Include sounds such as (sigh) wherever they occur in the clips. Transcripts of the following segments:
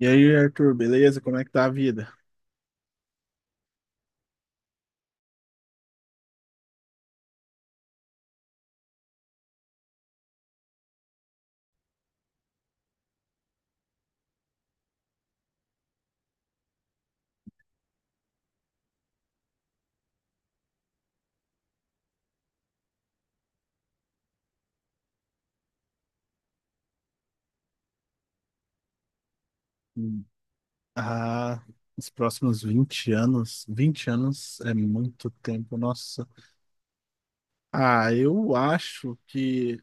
E aí, Arthur, beleza? Como é que tá a vida? Hum, Ah, os próximos 20 anos, 20 anos é muito tempo, nossa. Ah, eu acho que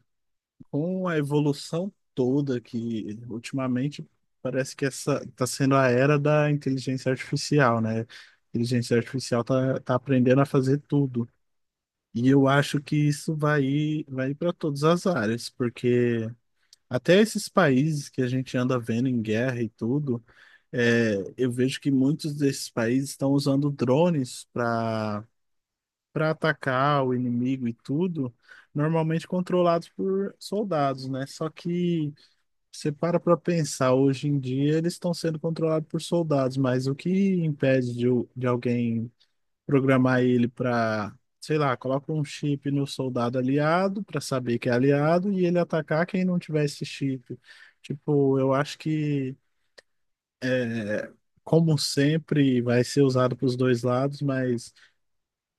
com a evolução toda que ultimamente parece que essa está sendo a era da inteligência artificial, né? A inteligência artificial tá aprendendo a fazer tudo. E eu acho que isso vai para todas as áreas, porque até esses países que a gente anda vendo em guerra e tudo, é, eu vejo que muitos desses países estão usando drones para atacar o inimigo e tudo, normalmente controlados por soldados, né? Só que você para pensar, hoje em dia eles estão sendo controlados por soldados, mas o que impede de alguém programar ele para, sei lá, coloca um chip no soldado aliado para saber que é aliado e ele atacar quem não tiver esse chip. Tipo, eu acho que, é, como sempre, vai ser usado para os dois lados, mas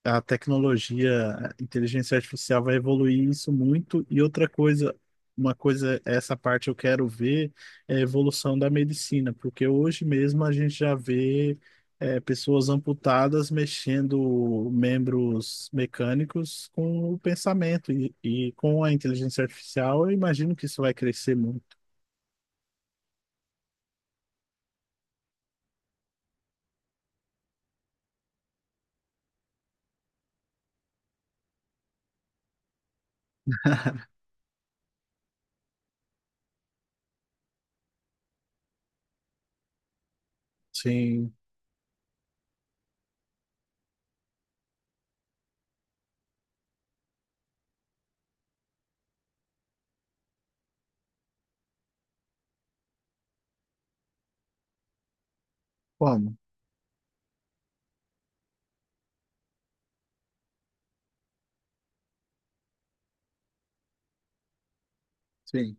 a tecnologia, a inteligência artificial vai evoluir isso muito. E outra coisa, uma coisa, essa parte eu quero ver é a evolução da medicina, porque hoje mesmo a gente já vê é, pessoas amputadas mexendo membros mecânicos com o pensamento e com a inteligência artificial, eu imagino que isso vai crescer muito. Sim, como? Sim.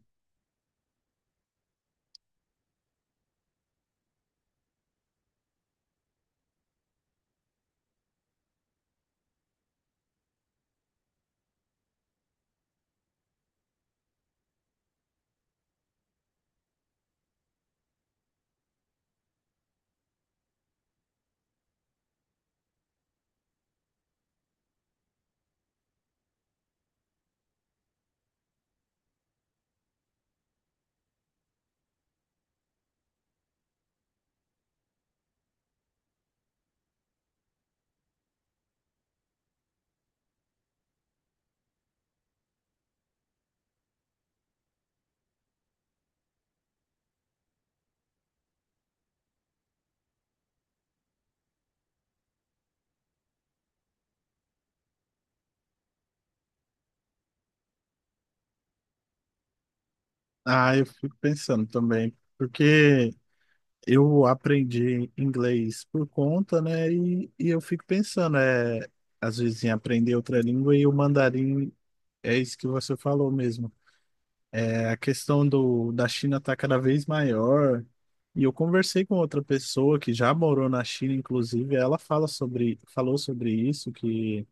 Ah, eu fico pensando também, porque eu aprendi inglês por conta, né? E eu fico pensando, é, às vezes em aprender outra língua e o mandarim é isso que você falou mesmo. É, a questão da China está cada vez maior. E eu conversei com outra pessoa que já morou na China, inclusive, ela fala sobre, falou sobre isso, que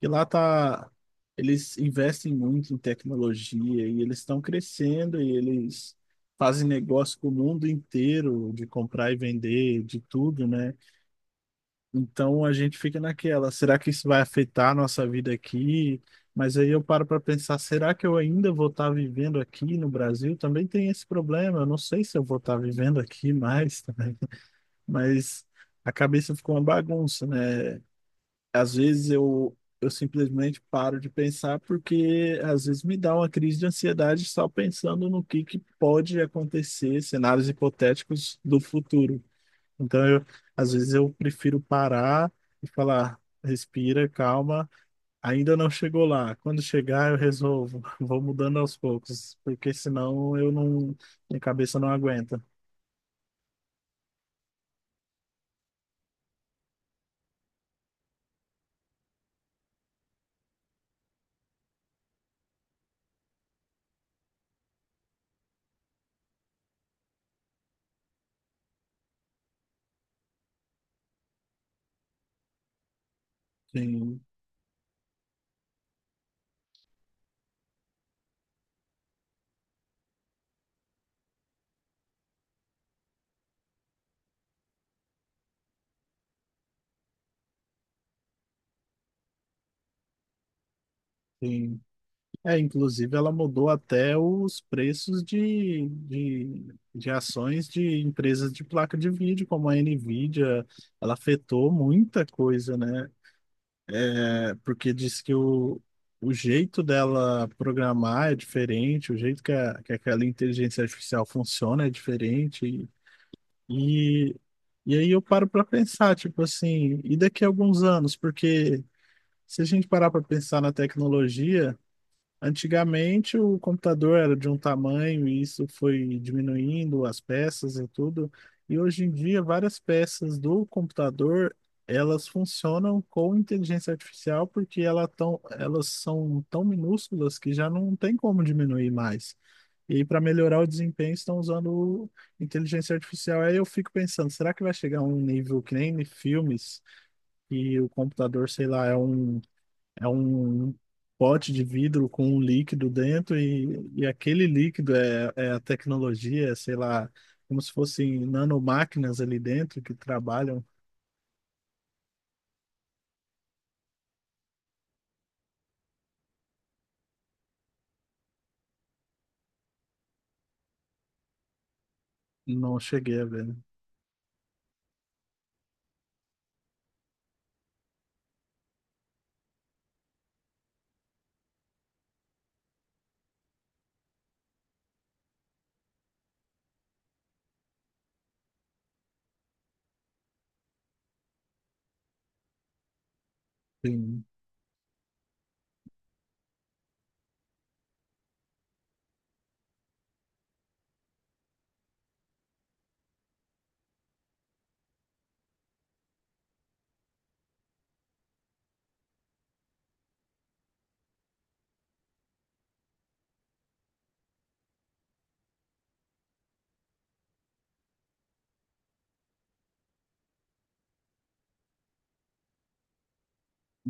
e lá tá, eles investem muito em tecnologia e eles estão crescendo e eles fazem negócio com o mundo inteiro de comprar e vender, de tudo, né? Então a gente fica naquela, será que isso vai afetar a nossa vida aqui? Mas aí eu paro para pensar, será que eu ainda vou estar vivendo aqui no Brasil? Também tem esse problema, eu não sei se eu vou estar vivendo aqui mais, (laughs) mas a cabeça ficou uma bagunça, né? Às vezes eu simplesmente paro de pensar porque às vezes me dá uma crise de ansiedade só pensando no que pode acontecer, cenários hipotéticos do futuro. Então, eu, às vezes eu prefiro parar e falar, respira, calma, ainda não chegou lá. Quando chegar, eu resolvo, (laughs) vou mudando aos poucos, porque senão eu não, minha cabeça não aguenta. Sim, sim. É, inclusive ela mudou até os preços de ações de empresas de placa de vídeo, como a Nvidia, ela afetou muita coisa, né? É, porque diz que o jeito dela programar é diferente, o jeito que aquela inteligência artificial funciona é diferente. E, e aí eu paro para pensar, tipo assim, e daqui a alguns anos? Porque se a gente parar para pensar na tecnologia, antigamente o computador era de um tamanho e isso foi diminuindo as peças e tudo. E hoje em dia várias peças do computador elas funcionam com inteligência artificial porque elas são tão minúsculas que já não tem como diminuir mais. E para melhorar o desempenho estão usando inteligência artificial. Aí eu fico pensando, será que vai chegar a um nível que nem em filmes e o computador, sei lá, é é um um pote de vidro com um líquido dentro e aquele líquido é a tecnologia, é, sei lá, como se fossem nanomáquinas ali dentro que trabalham. Não cheguei a ver. Sim,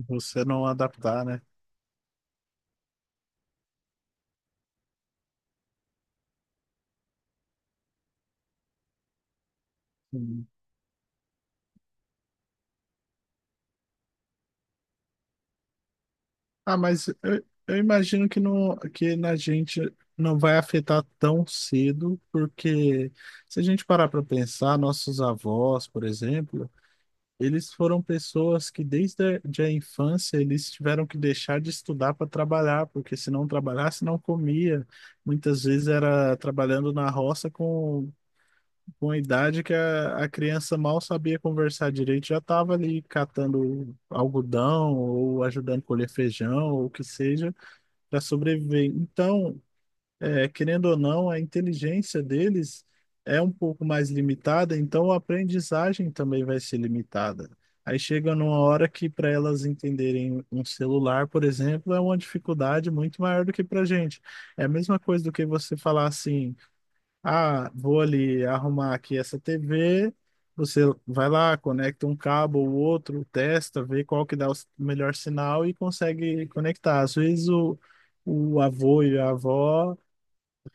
você não adaptar, né? Sim. Ah, mas eu imagino que, não, que na gente não vai afetar tão cedo, porque se a gente parar para pensar, nossos avós, por exemplo, eles foram pessoas que desde a infância eles tiveram que deixar de estudar para trabalhar, porque se não trabalhasse, não comia. Muitas vezes era trabalhando na roça com a idade que a criança mal sabia conversar direito, já estava ali catando algodão ou ajudando a colher feijão ou o que seja para sobreviver. Então, é, querendo ou não, a inteligência deles é um pouco mais limitada, então a aprendizagem também vai ser limitada. Aí chega numa hora que para elas entenderem um celular, por exemplo, é uma dificuldade muito maior do que para a gente. É a mesma coisa do que você falar assim: ah, vou ali arrumar aqui essa TV. Você vai lá, conecta um cabo ou outro, testa, vê qual que dá o melhor sinal e consegue conectar. Às vezes o avô e a avó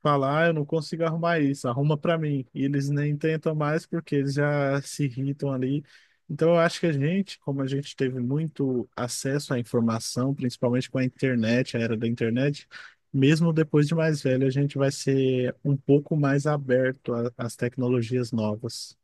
falar, "Ah, eu não consigo arrumar isso, arruma para mim. E eles nem tentam mais porque eles já se irritam ali. Então eu acho que a gente, como a gente teve muito acesso à informação, principalmente com a internet, a era da internet, mesmo depois de mais velho, a gente vai ser um pouco mais aberto às tecnologias novas.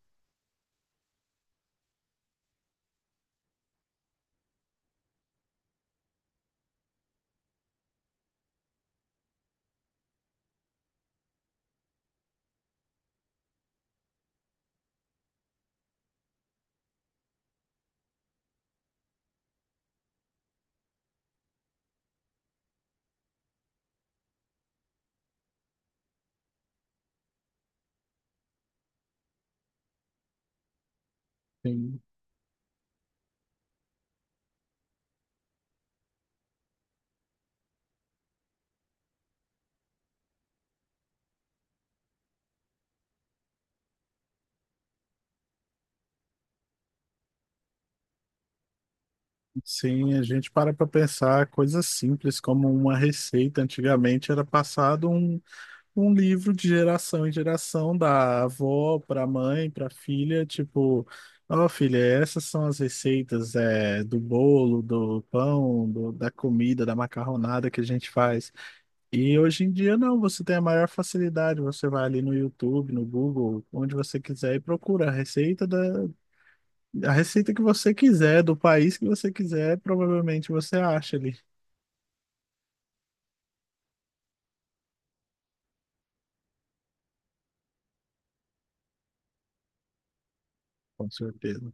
Sim. Sim, a gente para pensar coisas simples como uma receita. Antigamente era passado um livro de geração em geração, da avó para mãe, para filha, tipo, ó, filha, essas são as receitas é, do bolo, do pão, da comida, da macarronada que a gente faz. E hoje em dia não, você tem a maior facilidade, você vai ali no YouTube, no Google, onde você quiser e procura a receita a receita que você quiser, do país que você quiser, provavelmente você acha ali. Com certeza.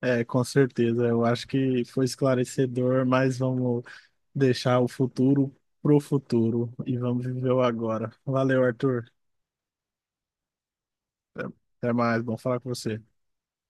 É, com certeza. Eu acho que foi esclarecedor, mas vamos deixar o futuro pro futuro e vamos viver o agora. Valeu, Arthur. Até Até mais, bom falar com você.